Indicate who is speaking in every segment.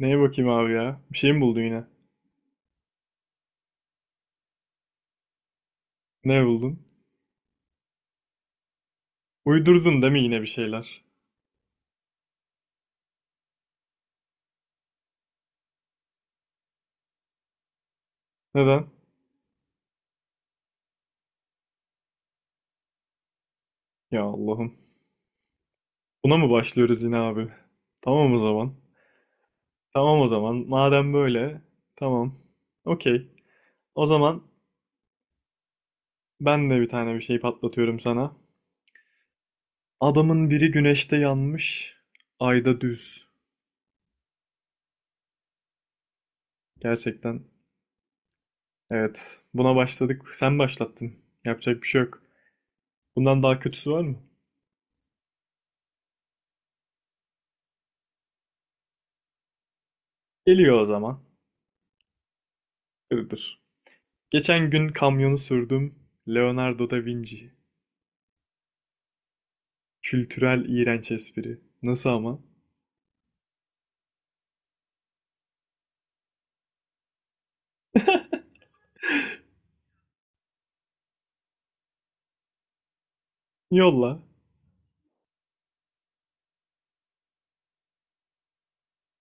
Speaker 1: Neye bakayım abi ya? Bir şey mi buldun yine? Ne buldun? Uydurdun değil mi yine bir şeyler? Neden? Ya Allah'ım. Buna mı başlıyoruz yine abi? Tamam o zaman. Tamam o zaman. Madem böyle. Tamam. Okey. O zaman ben de bir tane bir şey patlatıyorum sana. Adamın biri güneşte yanmış, ayda düz. Gerçekten. Evet. Buna başladık. Sen başlattın. Yapacak bir şey yok. Bundan daha kötüsü var mı? Geliyor o zaman. Iğdır. Geçen gün kamyonu sürdüm. Leonardo da Vinci. Kültürel iğrenç espri. Nasıl ama? Yolla.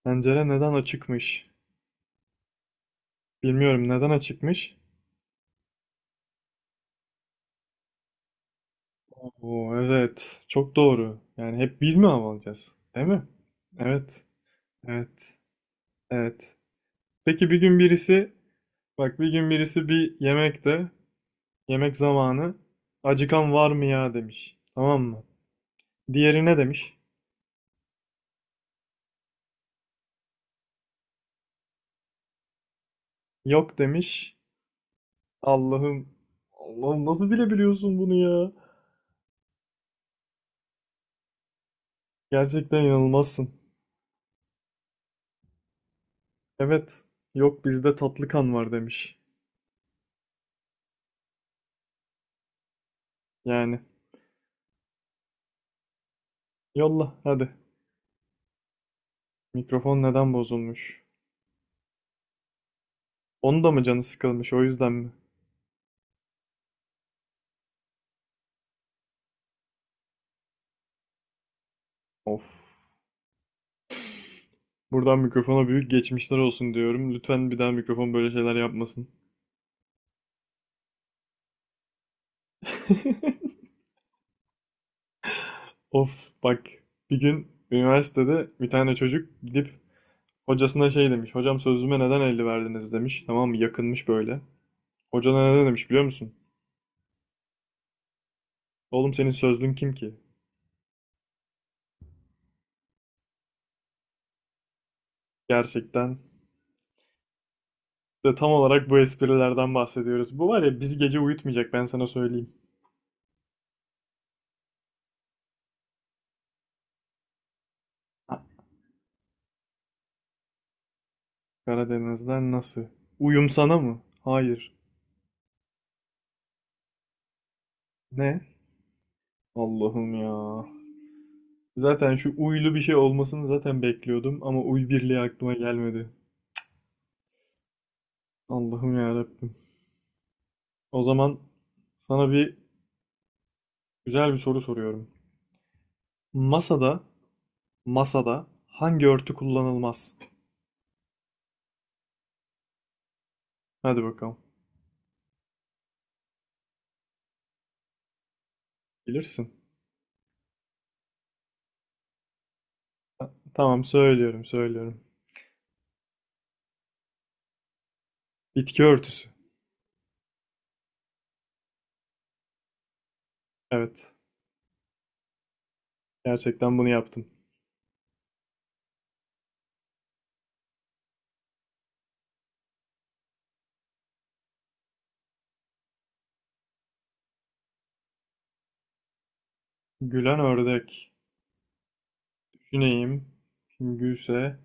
Speaker 1: Pencere neden açıkmış? Bilmiyorum neden açıkmış? Oo evet. Çok doğru. Yani hep biz mi hava alacağız? Değil mi? Evet. Evet. Evet. Peki bir gün birisi, bak bir gün birisi bir yemekte, yemek zamanı acıkan var mı ya demiş. Tamam mı? Diğeri ne demiş? Yok demiş. Allah'ım. Allah'ım nasıl bilebiliyorsun bunu ya? Gerçekten inanılmazsın. Evet. Yok bizde tatlı kan var demiş. Yani. Yolla hadi. Mikrofon neden bozulmuş? Onun da mı canı sıkılmış o yüzden mi? Of. Buradan mikrofona büyük geçmişler olsun diyorum. Lütfen bir daha mikrofon böyle şeyler yapmasın. Of, bak. Bir gün üniversitede bir tane çocuk gidip hocasına şey demiş. Hocam sözlüme neden 50 verdiniz demiş. Tamam mı? Yakınmış böyle. Hoca ne demiş biliyor musun? Oğlum senin sözlüğün kim ki? Gerçekten. İşte tam olarak bu esprilerden bahsediyoruz. Bu var ya bizi gece uyutmayacak, ben sana söyleyeyim. Ha, Karadeniz'den nasıl? Uyum sana mı? Hayır. Ne? Allah'ım ya. Zaten şu uylu bir şey olmasını zaten bekliyordum ama uy birliği aklıma gelmedi. Allah'ım ya Rabbim. O zaman sana bir güzel bir soru soruyorum. Masada, masada, hangi örtü kullanılmaz? Hadi bakalım. Bilirsin. Ha, tamam, söylüyorum. Bitki örtüsü. Evet. Gerçekten bunu yaptım. Gülen ördek. Düşüneyim. Şimdi gülse.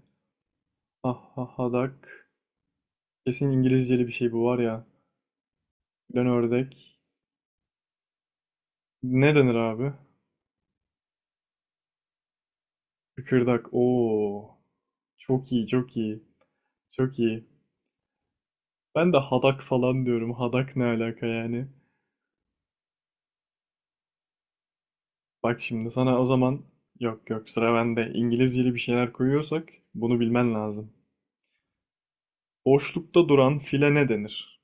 Speaker 1: Ah ah hadak. Kesin İngilizceli bir şey bu var ya. Gülen ördek. Ne denir abi? Kıkırdak. Oo. Çok iyi, çok iyi. Çok iyi. Ben de hadak falan diyorum. Hadak ne alaka yani? Bak şimdi sana o zaman, yok yok, sıra bende. İngilizceli bir şeyler koyuyorsak bunu bilmen lazım. Boşlukta duran file ne denir?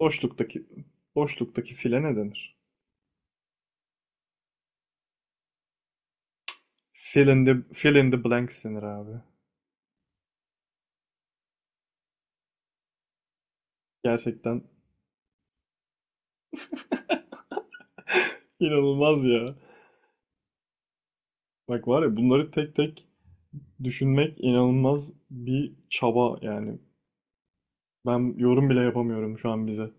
Speaker 1: Boşluktaki boşluktaki file ne denir? Fill in the, fill in the blanks denir abi. Gerçekten inanılmaz ya. Bak var ya bunları tek tek düşünmek inanılmaz bir çaba yani. Ben yorum bile yapamıyorum şu an bize.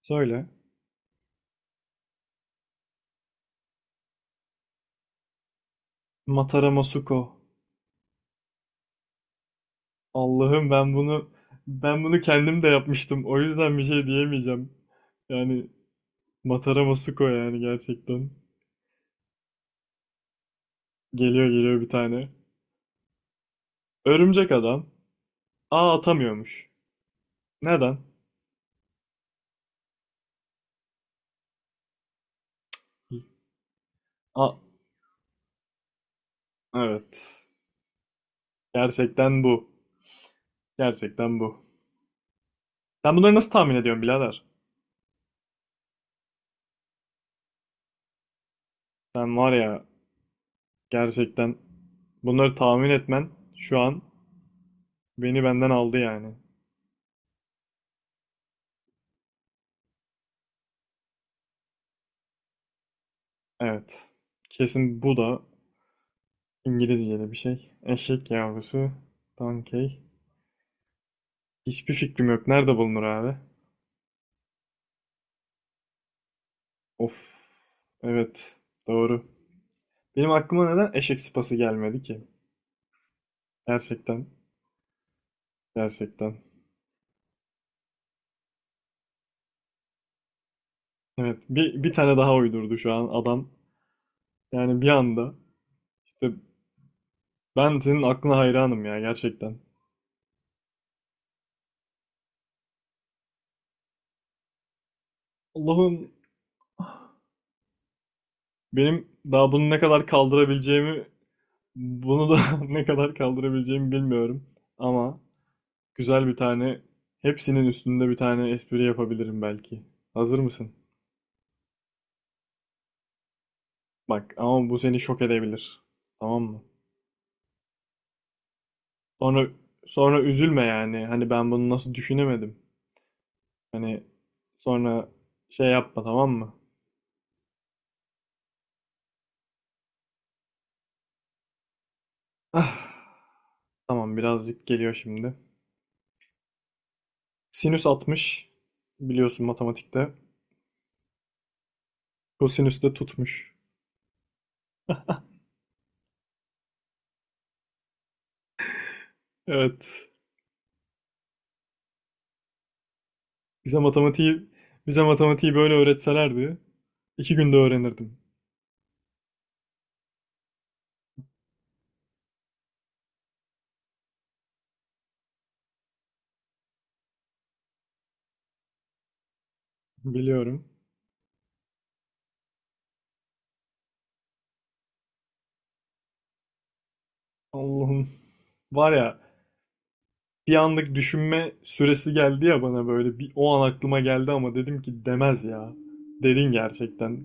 Speaker 1: Söyle. Matara Masuko. Allah'ım, ben bunu kendim de yapmıştım. O yüzden bir şey diyemeyeceğim. Yani Matara Masuko, yani gerçekten. Geliyor geliyor bir tane. Örümcek adam. A atamıyormuş. Neden? A evet. Gerçekten bu. Gerçekten bu. Sen bunları nasıl tahmin ediyorsun birader? Sen var ya, gerçekten bunları tahmin etmen şu an beni benden aldı yani. Evet. Kesin bu da İngilizce'de bir şey. Eşek yavrusu. Donkey. Hiçbir fikrim yok. Nerede bulunur abi? Of. Evet. Doğru. Benim aklıma neden eşek sıpası gelmedi ki? Gerçekten. Gerçekten. Evet. Bir tane daha uydurdu şu an adam. Yani bir anda. İşte ben senin aklına hayranım ya gerçekten. Allah'ım, benim daha bunu ne kadar kaldırabileceğimi, bunu da ne kadar kaldırabileceğimi bilmiyorum. Ama güzel bir tane, hepsinin üstünde bir tane espri yapabilirim belki. Hazır mısın? Bak ama bu seni şok edebilir. Tamam mı? Sonra sonra üzülme yani. Hani ben bunu nasıl düşünemedim. Hani sonra şey yapma, tamam mı? Ah, tamam, birazcık geliyor şimdi. Sinüs 60 biliyorsun matematikte. Kosinüs de tutmuş. Evet. Bize matematiği bize matematiği böyle öğretselerdi iki günde öğrenirdim. Biliyorum. Allah'ım. Var ya, bir anlık düşünme süresi geldi ya bana, böyle bir o an aklıma geldi ama dedim ki demez ya. Dedin gerçekten.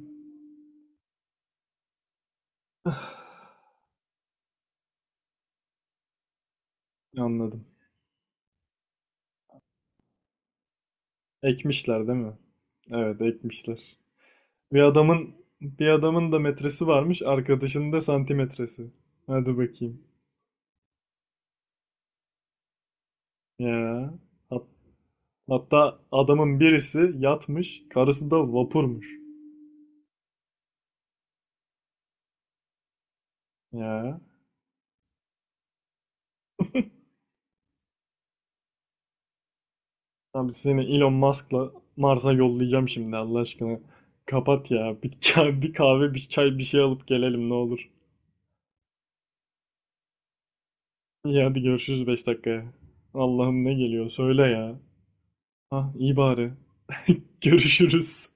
Speaker 1: Anladım. Ekmişler değil mi? Evet, ekmişler. Bir adamın bir adamın da metresi varmış, arkadaşının da santimetresi. Hadi bakayım. Ya. Hat- hatta adamın birisi yatmış, karısı da vapurmuş. Ya. Abi seni Elon Musk'la Mars'a yollayacağım şimdi Allah aşkına. Kapat ya. Bir, bir kahve, bir çay, bir şey alıp gelelim ne olur. İyi hadi görüşürüz 5 dakikaya. Allah'ım ne geliyor söyle ya. Ha iyi bari. Görüşürüz.